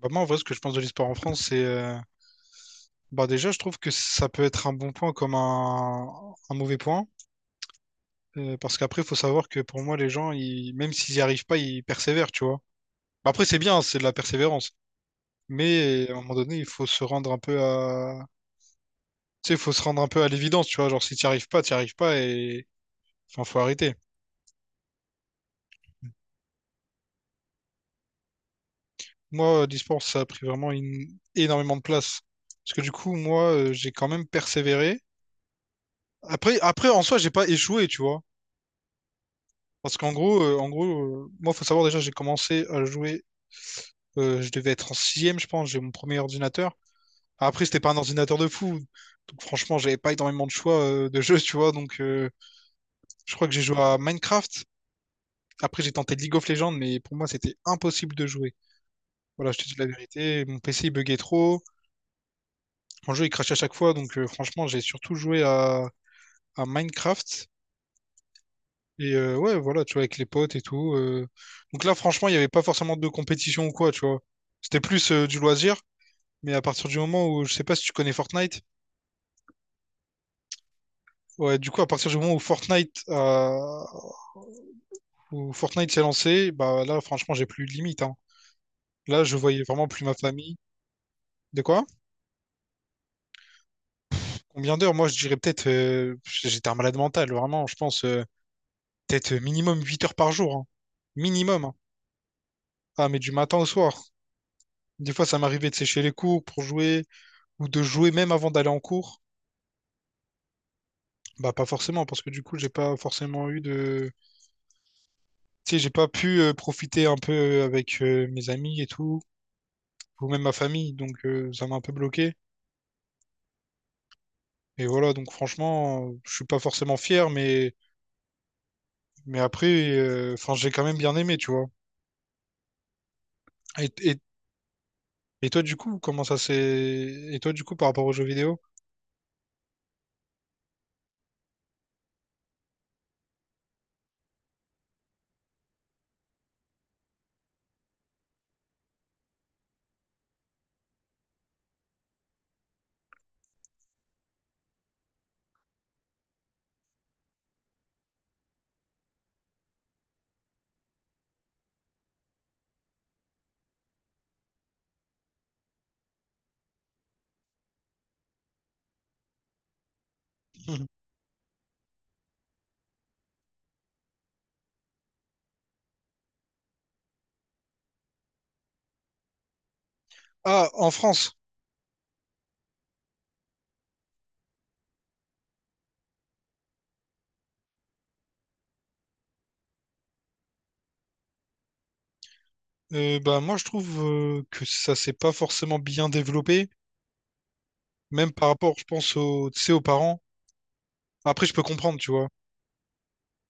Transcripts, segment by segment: Bah, moi, en vrai, ce que je pense de l'e-sport en France, c'est. Bah, déjà, je trouve que ça peut être un bon point comme un mauvais point. Parce qu'après, il faut savoir que pour moi, les gens, même s'ils n'y arrivent pas, ils persévèrent, tu vois. Bah, après, c'est bien, c'est de la persévérance. Mais à un moment donné, il faut se rendre un peu à. Tu sais, il faut se rendre un peu à l'évidence, tu vois. Genre, si tu n'y arrives pas, tu n'y arrives pas et. Enfin, faut arrêter. Moi, l'e-sport, ça a pris vraiment énormément de place. Parce que du coup, moi, j'ai quand même persévéré. Après, en soi, j'ai pas échoué, tu vois. Parce qu'en gros, moi, faut savoir déjà, j'ai commencé à jouer, je devais être en sixième, je pense, j'ai mon premier ordinateur. Après, c'était pas un ordinateur de fou, donc franchement, j'avais pas énormément de choix de jeux, tu vois. Donc, je crois que j'ai joué à Minecraft. Après, j'ai tenté League of Legends, mais pour moi, c'était impossible de jouer. Voilà, je te dis la vérité, mon PC il buguait trop, mon jeu il crachait à chaque fois, donc franchement, j'ai surtout joué à, Minecraft. Et ouais, voilà, tu vois, avec les potes et tout. Donc là, franchement, il n'y avait pas forcément de compétition ou quoi, tu vois. C'était plus du loisir, mais à partir du moment où, je sais pas si tu connais Fortnite, ouais, du coup, à partir du moment où Fortnite s'est lancé, bah là, franchement, j'ai plus eu de limite, hein. Là, je voyais vraiment plus ma famille. De quoi? Combien d'heures? Moi, je dirais peut-être, j'étais un malade mental, vraiment, je pense, peut-être minimum 8 heures par jour, hein. Minimum, hein. Ah, mais du matin au soir. Des fois, ça m'arrivait de sécher les cours pour jouer. Ou de jouer même avant d'aller en cours, bah pas forcément, parce que du coup, j'ai pas forcément eu de. Tu sais, j'ai pas pu profiter un peu avec mes amis et tout, ou même ma famille, donc ça m'a un peu bloqué. Et voilà, donc franchement, je suis pas forcément fier, mais après, enfin, j'ai quand même bien aimé, tu vois. Et, et, et toi, du coup, comment ça s'est. Et toi, du coup, par rapport aux jeux vidéo? Mhm. Ah, en France, bah, moi, je trouve que ça s'est pas forcément bien développé, même par rapport, je pense, aux, tu sais, aux parents. Après, je peux comprendre, tu vois.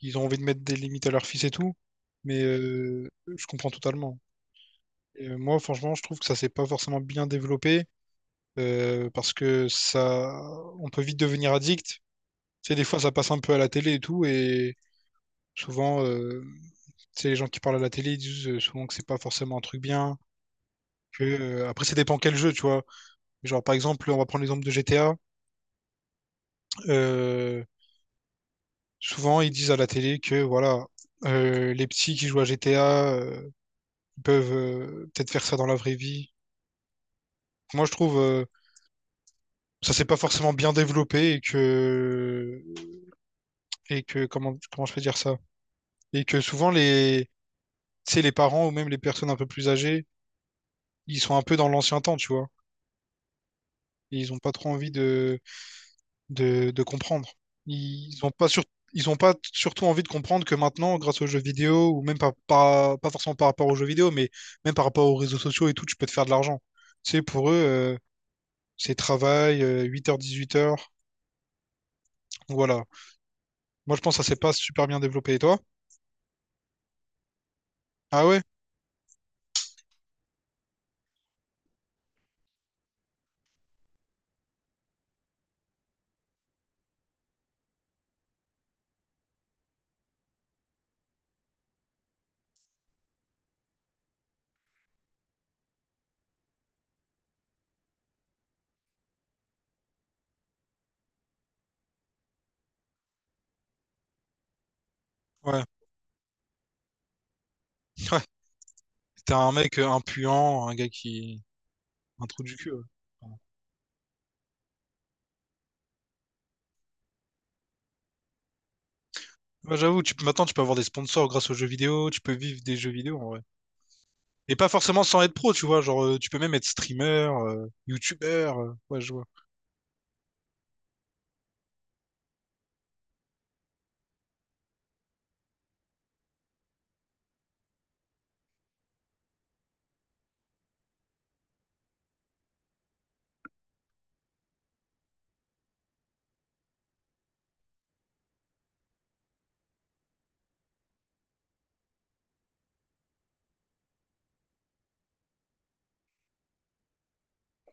Ils ont envie de mettre des limites à leur fils et tout, mais je comprends totalement. Et, moi, franchement, je trouve que ça s'est pas forcément bien développé parce que ça, on peut vite devenir addict. Tu sais, des fois, ça passe un peu à la télé et tout, et souvent, tu sais, les gens qui parlent à la télé, ils disent souvent que c'est pas forcément un truc bien. Que, après, ça dépend quel jeu, tu vois. Genre, par exemple, on va prendre l'exemple de GTA. Euh, souvent, ils disent à la télé que voilà, les petits qui jouent à GTA. Ils peuvent peut-être faire ça dans la vraie vie. Moi, je trouve ça s'est pas forcément bien développé et que comment je peux dire ça? Et que souvent les tu sais, les parents ou même les personnes un peu plus âgées, ils sont un peu dans l'ancien temps, tu vois. Ils ont pas trop envie de comprendre. Ils ont pas sur- Ils ont pas surtout envie de comprendre que maintenant, grâce aux jeux vidéo ou même pas forcément par rapport aux jeux vidéo, mais même par rapport aux réseaux sociaux et tout, tu peux te faire de l'argent. Tu sais, pour eux, c'est travail, 8h-18h. Voilà. Moi, je pense que ça s'est pas super bien développé. Et toi? Ah ouais? Ouais. Ouais. T'es un mec impuant, un gars qui... Un trou du cul, ouais. Bah, j'avoue, tu peux... maintenant, tu peux avoir des sponsors grâce aux jeux vidéo, tu peux vivre des jeux vidéo, en vrai. Et pas forcément sans être pro, tu vois. Genre, tu peux même être streamer, youtubeur, ouais, je vois.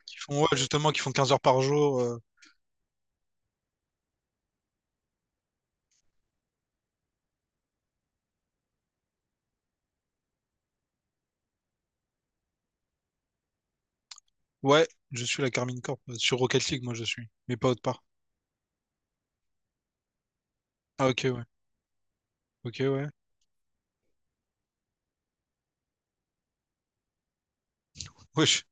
Qui font, ouais, justement, qui font 15 heures par jour. Ouais, je suis la Carmine Corp. Sur Rocket League, moi, je suis. Mais pas autre part. Ah, ok, ouais. Ok, ouais. Wesh.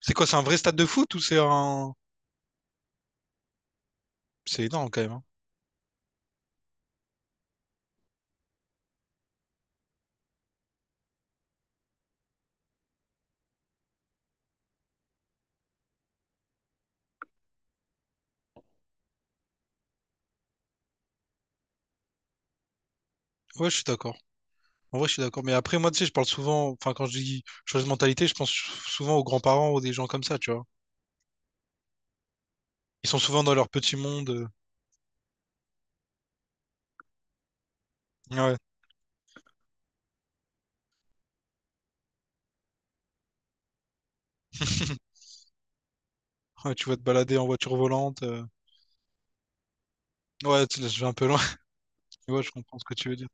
C'est quoi, c'est un vrai stade de foot ou c'est un... C'est énorme, quand même, hein. Ouais, je suis d'accord. En vrai, je suis d'accord. Mais après, moi, tu sais, je parle souvent, enfin, quand je dis chose de mentalité, je pense souvent aux grands-parents ou des gens comme ça, tu vois. Ils sont souvent dans leur petit monde. Ouais. Ouais, tu vas te balader en voiture volante. Ouais, là, je vais un peu loin. Tu vois, je comprends ce que tu veux dire.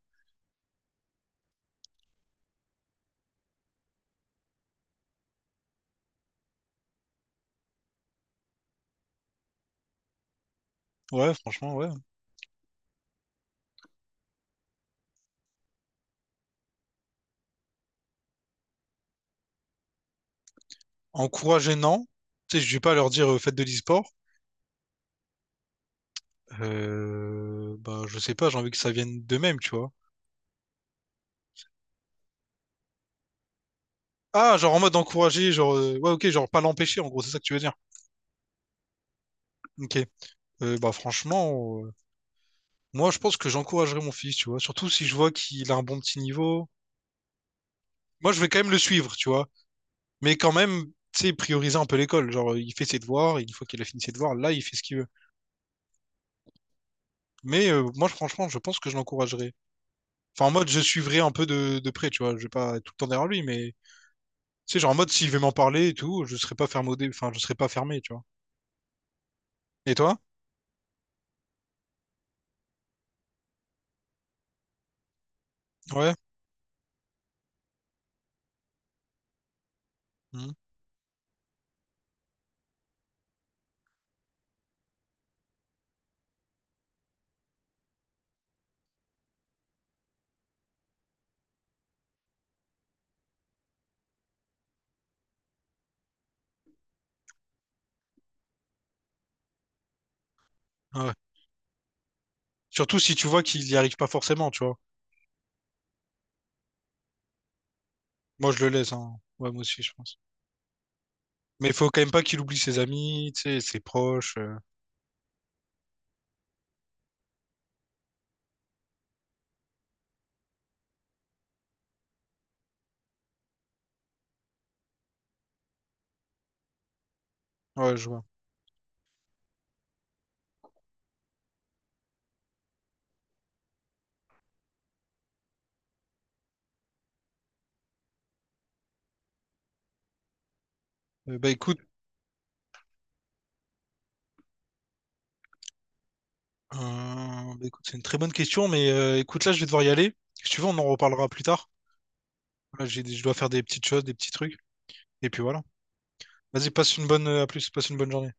Ouais, franchement, ouais. Encourager, non. Tu sais, je vais pas leur dire faites de l'e-sport. Bah, je sais pas, j'ai envie que ça vienne d'eux-mêmes, tu vois. Ah, genre en mode encourager, genre, ouais, ok, genre pas l'empêcher, en gros, c'est ça que tu veux dire. Ok. Bah, franchement. Moi, je pense que j'encouragerais mon fils, tu vois. Surtout si je vois qu'il a un bon petit niveau. Moi, je vais quand même le suivre, tu vois. Mais quand même, tu sais, prioriser un peu l'école. Genre, il fait ses devoirs, et une fois qu'il a fini ses devoirs, là, il fait ce qu'il veut. Mais moi, franchement, je pense que je l'encouragerais. Enfin, en mode, je suivrai un peu de près, tu vois. Je vais pas être tout le temps derrière lui, mais tu sais, genre en mode, s'il veut m'en parler et tout, je serai pas fermé, enfin, je serai pas fermé, tu vois. Et toi? Ouais. Mhm. Ouais. Surtout si tu vois qu'il y arrive pas forcément, tu vois. Moi, je le laisse, hein. Ouais, moi aussi, je pense. Mais il faut quand même pas qu'il oublie ses amis, tu sais, ses proches. Ouais, je vois. Euh, bah écoute, bah, écoute, c'est une très bonne question, mais écoute, là, je vais devoir y aller. Si tu veux, on en reparlera plus tard. Là, je dois faire des petites choses, des petits trucs. Et puis voilà. Vas-y, à plus, passe une bonne journée.